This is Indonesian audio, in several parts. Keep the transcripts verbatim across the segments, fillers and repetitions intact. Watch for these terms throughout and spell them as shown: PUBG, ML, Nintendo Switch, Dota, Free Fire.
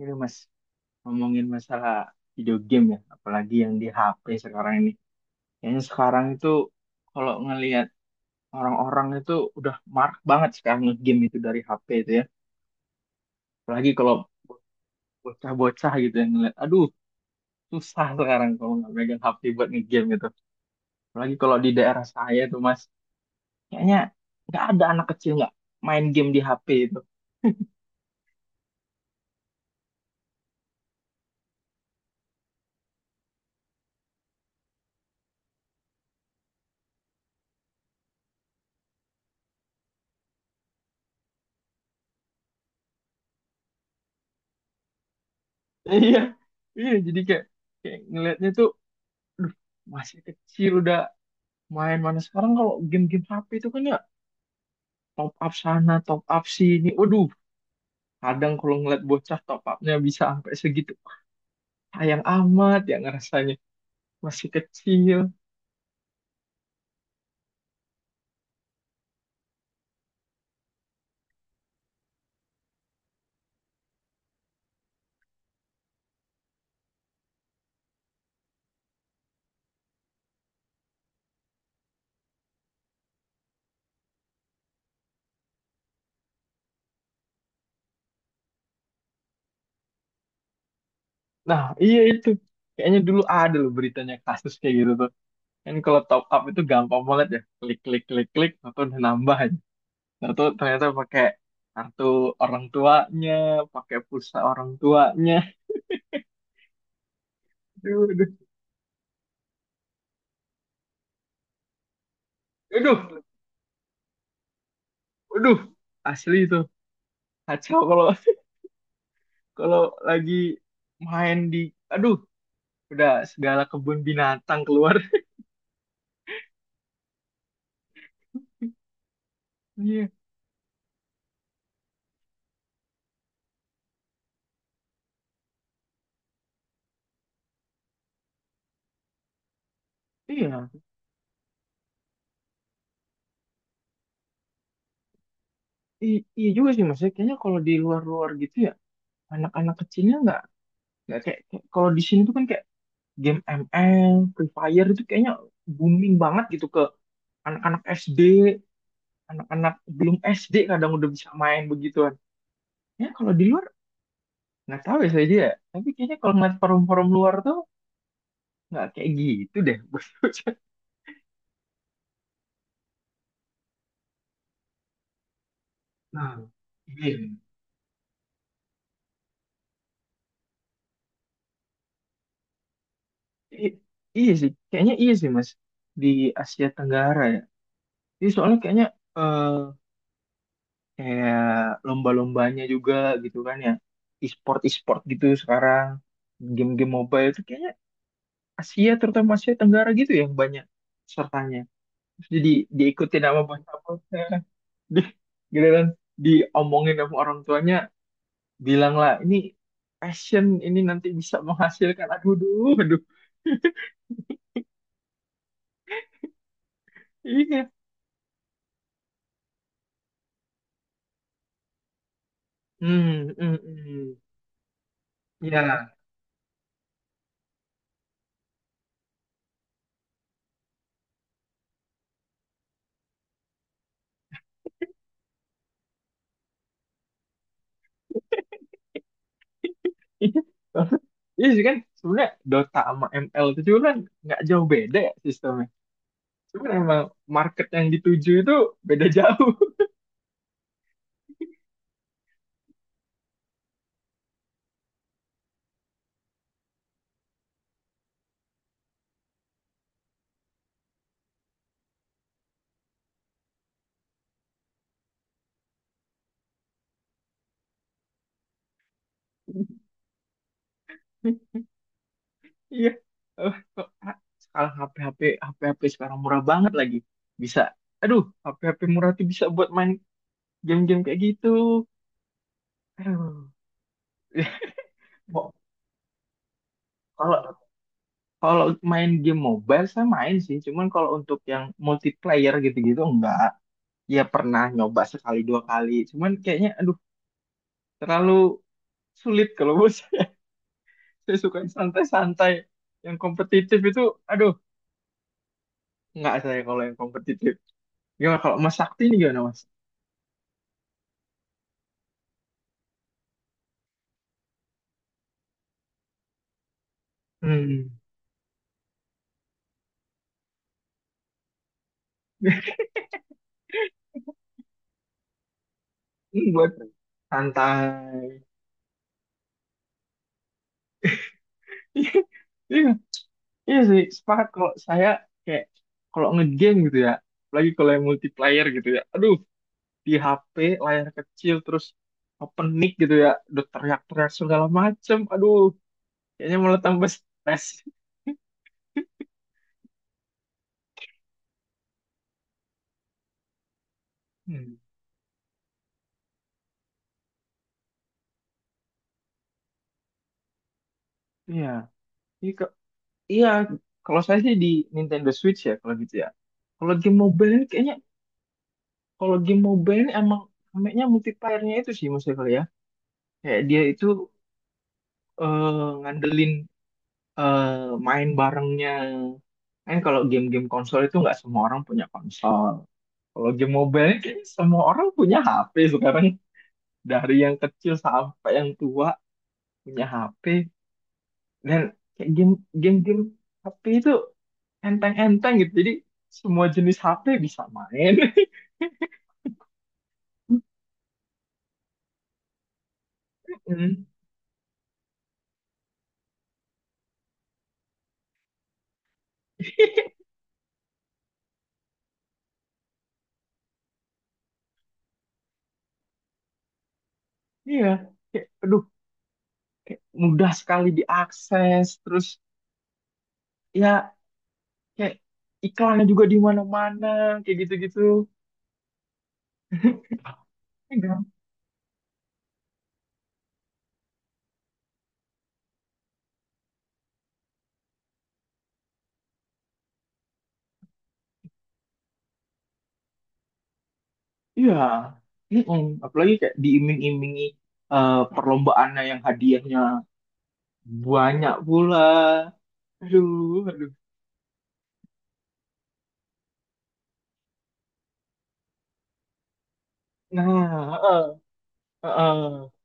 Ini Mas, ngomongin masalah video game ya, apalagi yang di H P sekarang ini. Kayaknya sekarang itu kalau ngelihat orang-orang itu udah marak banget sekarang nge-game itu dari H P itu ya. Apalagi kalau bocah-bocah gitu yang ngeliat, aduh, susah sekarang kalau nggak megang H P buat nge-game gitu. Apalagi kalau di daerah saya tuh Mas, kayaknya nggak ada anak kecil nggak main game di H P itu. Iya, iya jadi kayak, kayak ngelihatnya tuh, aduh, masih kecil udah main. Mana sekarang kalau game-game H P itu kan ya, top up sana, top up sini. Waduh, kadang kalau ngeliat bocah top upnya bisa sampai segitu. Sayang amat ya ngerasanya. Masih kecil. Nah, iya itu. Kayaknya dulu ada loh beritanya kasus kayak gitu tuh. Kan kalau top up itu gampang banget ya. Klik, klik, klik, klik. Atau udah nambah aja. Nah, ternyata pakai kartu orang tuanya, pakai pulsa orang tuanya. Aduh, aduh, aduh, aduh. Asli itu. Kacau kalau kalau lagi main di, aduh, udah segala kebun binatang keluar. Iya, iya. I- iya juga sih mas ya, kayaknya kalau di luar-luar gitu ya, anak-anak kecilnya nggak, nggak kayak, kayak- kalau di sini tuh kan kayak game M L Free Fire itu kayaknya booming banget gitu ke anak-anak S D. Anak-anak belum S D kadang udah bisa main begituan. Ya kalau di luar nggak tahu ya saya dia, tapi kayaknya kalau ngeliat forum-forum luar tuh nggak kayak gitu deh. Bos, nah iya. I- iya sih, kayaknya iya sih Mas, di Asia Tenggara ya. Jadi soalnya kayaknya eh kayak lomba-lombanya juga gitu kan ya, e-sport e-sport gitu sekarang, game-game mobile itu kayaknya Asia, terutama Asia Tenggara gitu ya, yang banyak pesertanya. Terus jadi diikutin sama bocah. Di gitu kan, diomongin sama orang tuanya, bilanglah ini passion ini nanti bisa menghasilkan, aduh, aduh, aduh. Iya. Hmm, hmm, hmm. Hmm. Ya. Iya. Iya sih, kan sebenarnya Dota sama M L itu juga kan nggak jauh beda ya sistemnya. Cuman emang market yang dituju itu beda jauh. Iya. Eh, kok, ah, Sekarang HP-HP HP-HP sekarang murah banget lagi. Bisa. Aduh, H P-H P murah tuh bisa buat main game-game kayak gitu. Aduh. mo- Kalau kalau main game mobile saya main sih. Cuman kalau untuk yang multiplayer gitu-gitu enggak. Ya pernah nyoba sekali dua kali. Cuman kayaknya aduh, terlalu sulit kalau buat saya. Saya suka yang santai-santai. Yang kompetitif itu, aduh, nggak saya kalau yang kompetitif. Gimana kalau Mas Sakti ini gimana Mas? Hmm. Ini buat santai. Iya, iya iya sih, sepakat kalau saya kayak kalau ngegame gitu ya, apalagi kalau yang multiplayer gitu ya. Aduh, di H P layar kecil, terus open mic gitu ya, udah teriak-teriak segala macem. Aduh, kayaknya malah tambah stres. Hmm, iya. Ini, iya, kalau saya sih di Nintendo Switch ya kalau gitu ya. Kalau game mobile ini kayaknya, kalau game mobile ini emang kayaknya multiplayer-nya itu sih maksudnya kali ya. Kayak dia itu eh, ngandelin eh, main barengnya. Kan kalau game-game konsol itu nggak semua orang punya konsol. Kalau game mobile ini kayaknya semua orang punya H P sekarang. Dari yang kecil sampai yang tua punya H P. Dan kayak game game-game H P itu enteng-enteng gitu, jadi semua jenis H P bisa main. Mm. Iya, kayak, aduh, mudah sekali diakses, terus ya kayak iklannya juga di mana-mana, kayak gitu-gitu. Iya, iya. Mm-mm. Apalagi kayak diiming-imingi eh, perlombaannya yang hadiahnya banyak pula. Aduh, aduh. Nah, eh, eh, eh.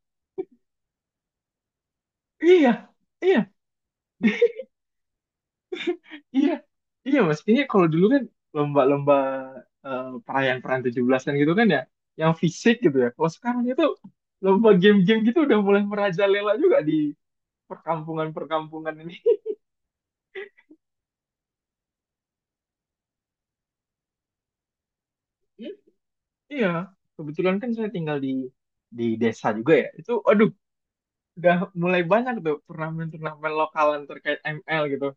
Iya, iya. Iya, iya mas. Ini kalau dulu kan lomba-lomba, eh, perayaan-perayaan tujuh belasan-an gitu kan ya, yang fisik gitu ya. Kalau sekarang itu lomba game-game gitu udah mulai merajalela juga di perkampungan-perkampungan ini. Hmm, iya, kebetulan kan saya tinggal di di desa juga ya. Itu, aduh, udah mulai banyak tuh turnamen-turnamen lokalan terkait M L gitu.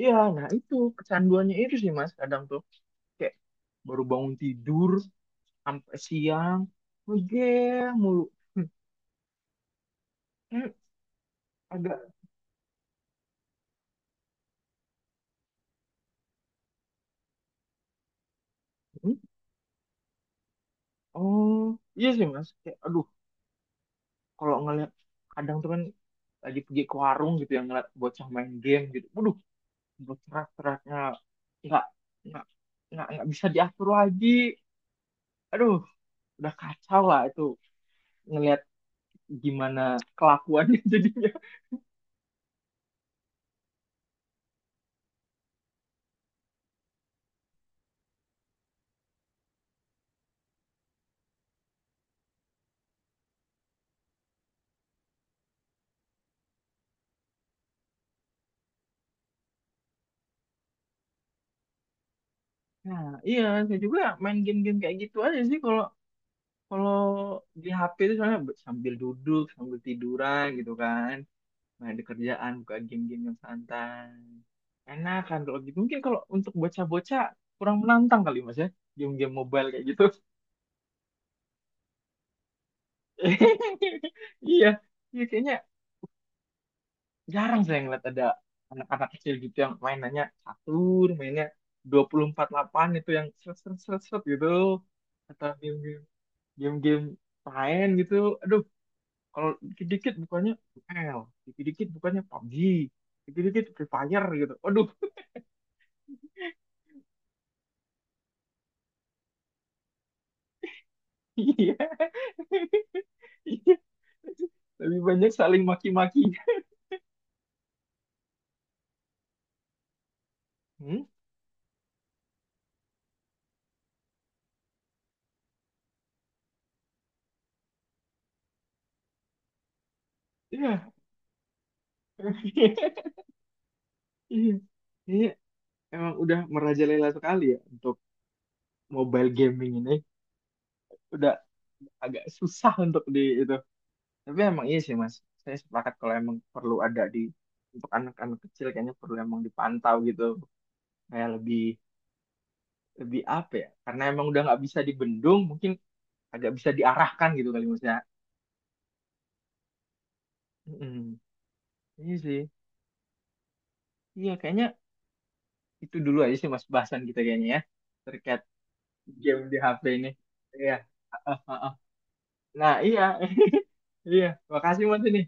Iya, nah itu kecanduannya itu sih mas. Kadang tuh kayak baru bangun tidur sampai siang, game, mulu. Agak, hmm? Oh, iya sih mas, kayak aduh, kalau ngeliat, kadang tuh kan lagi pergi ke warung gitu yang ngeliat bocah main game gitu, waduh, bercerak-ceraknya nggak nggak nggak nggak bisa diatur lagi. Aduh, udah kacau lah itu, ngeliat gimana kelakuannya jadinya. Nah, iya, saya juga main game-game kayak gitu aja sih kalau kalau di H P itu, soalnya sambil duduk sambil tiduran gitu kan, main di kerjaan buka game-game yang santai, enak kan kalau gitu. Mungkin kalau untuk bocah-bocah kurang menantang kali mas ya, game-game mobile kayak gitu. Iya, iya kayaknya jarang saya ngeliat ada anak-anak kecil gitu yang mainannya catur, mainnya dua puluh empat delapan itu, yang seret seret seret seret gitu, atau game-game, game-game lain gitu. Aduh, kalau dikit-dikit bukannya M L, dikit-dikit bukannya pabeges, dikit-dikit Free Fire gitu, aduh. Iya. Iya. Lebih banyak saling maki-maki. Hmm? Iya. Iya. Ini emang udah merajalela sekali ya untuk mobile gaming ini. Udah agak susah untuk di itu. Tapi emang iya sih Mas. Saya sepakat kalau emang perlu ada di, untuk anak-anak kecil kayaknya perlu emang dipantau gitu. Kayak lebih, lebih apa ya? Karena emang udah nggak bisa dibendung, mungkin agak bisa diarahkan gitu kali Mas ya. Mm-mm. Iya sih. Iya, kayaknya itu dulu aja sih mas bahasan kita kayaknya ya, terkait game di H P ini, iya. Ah, ah, ah, ah. Nah iya. Iya, makasih mas ini.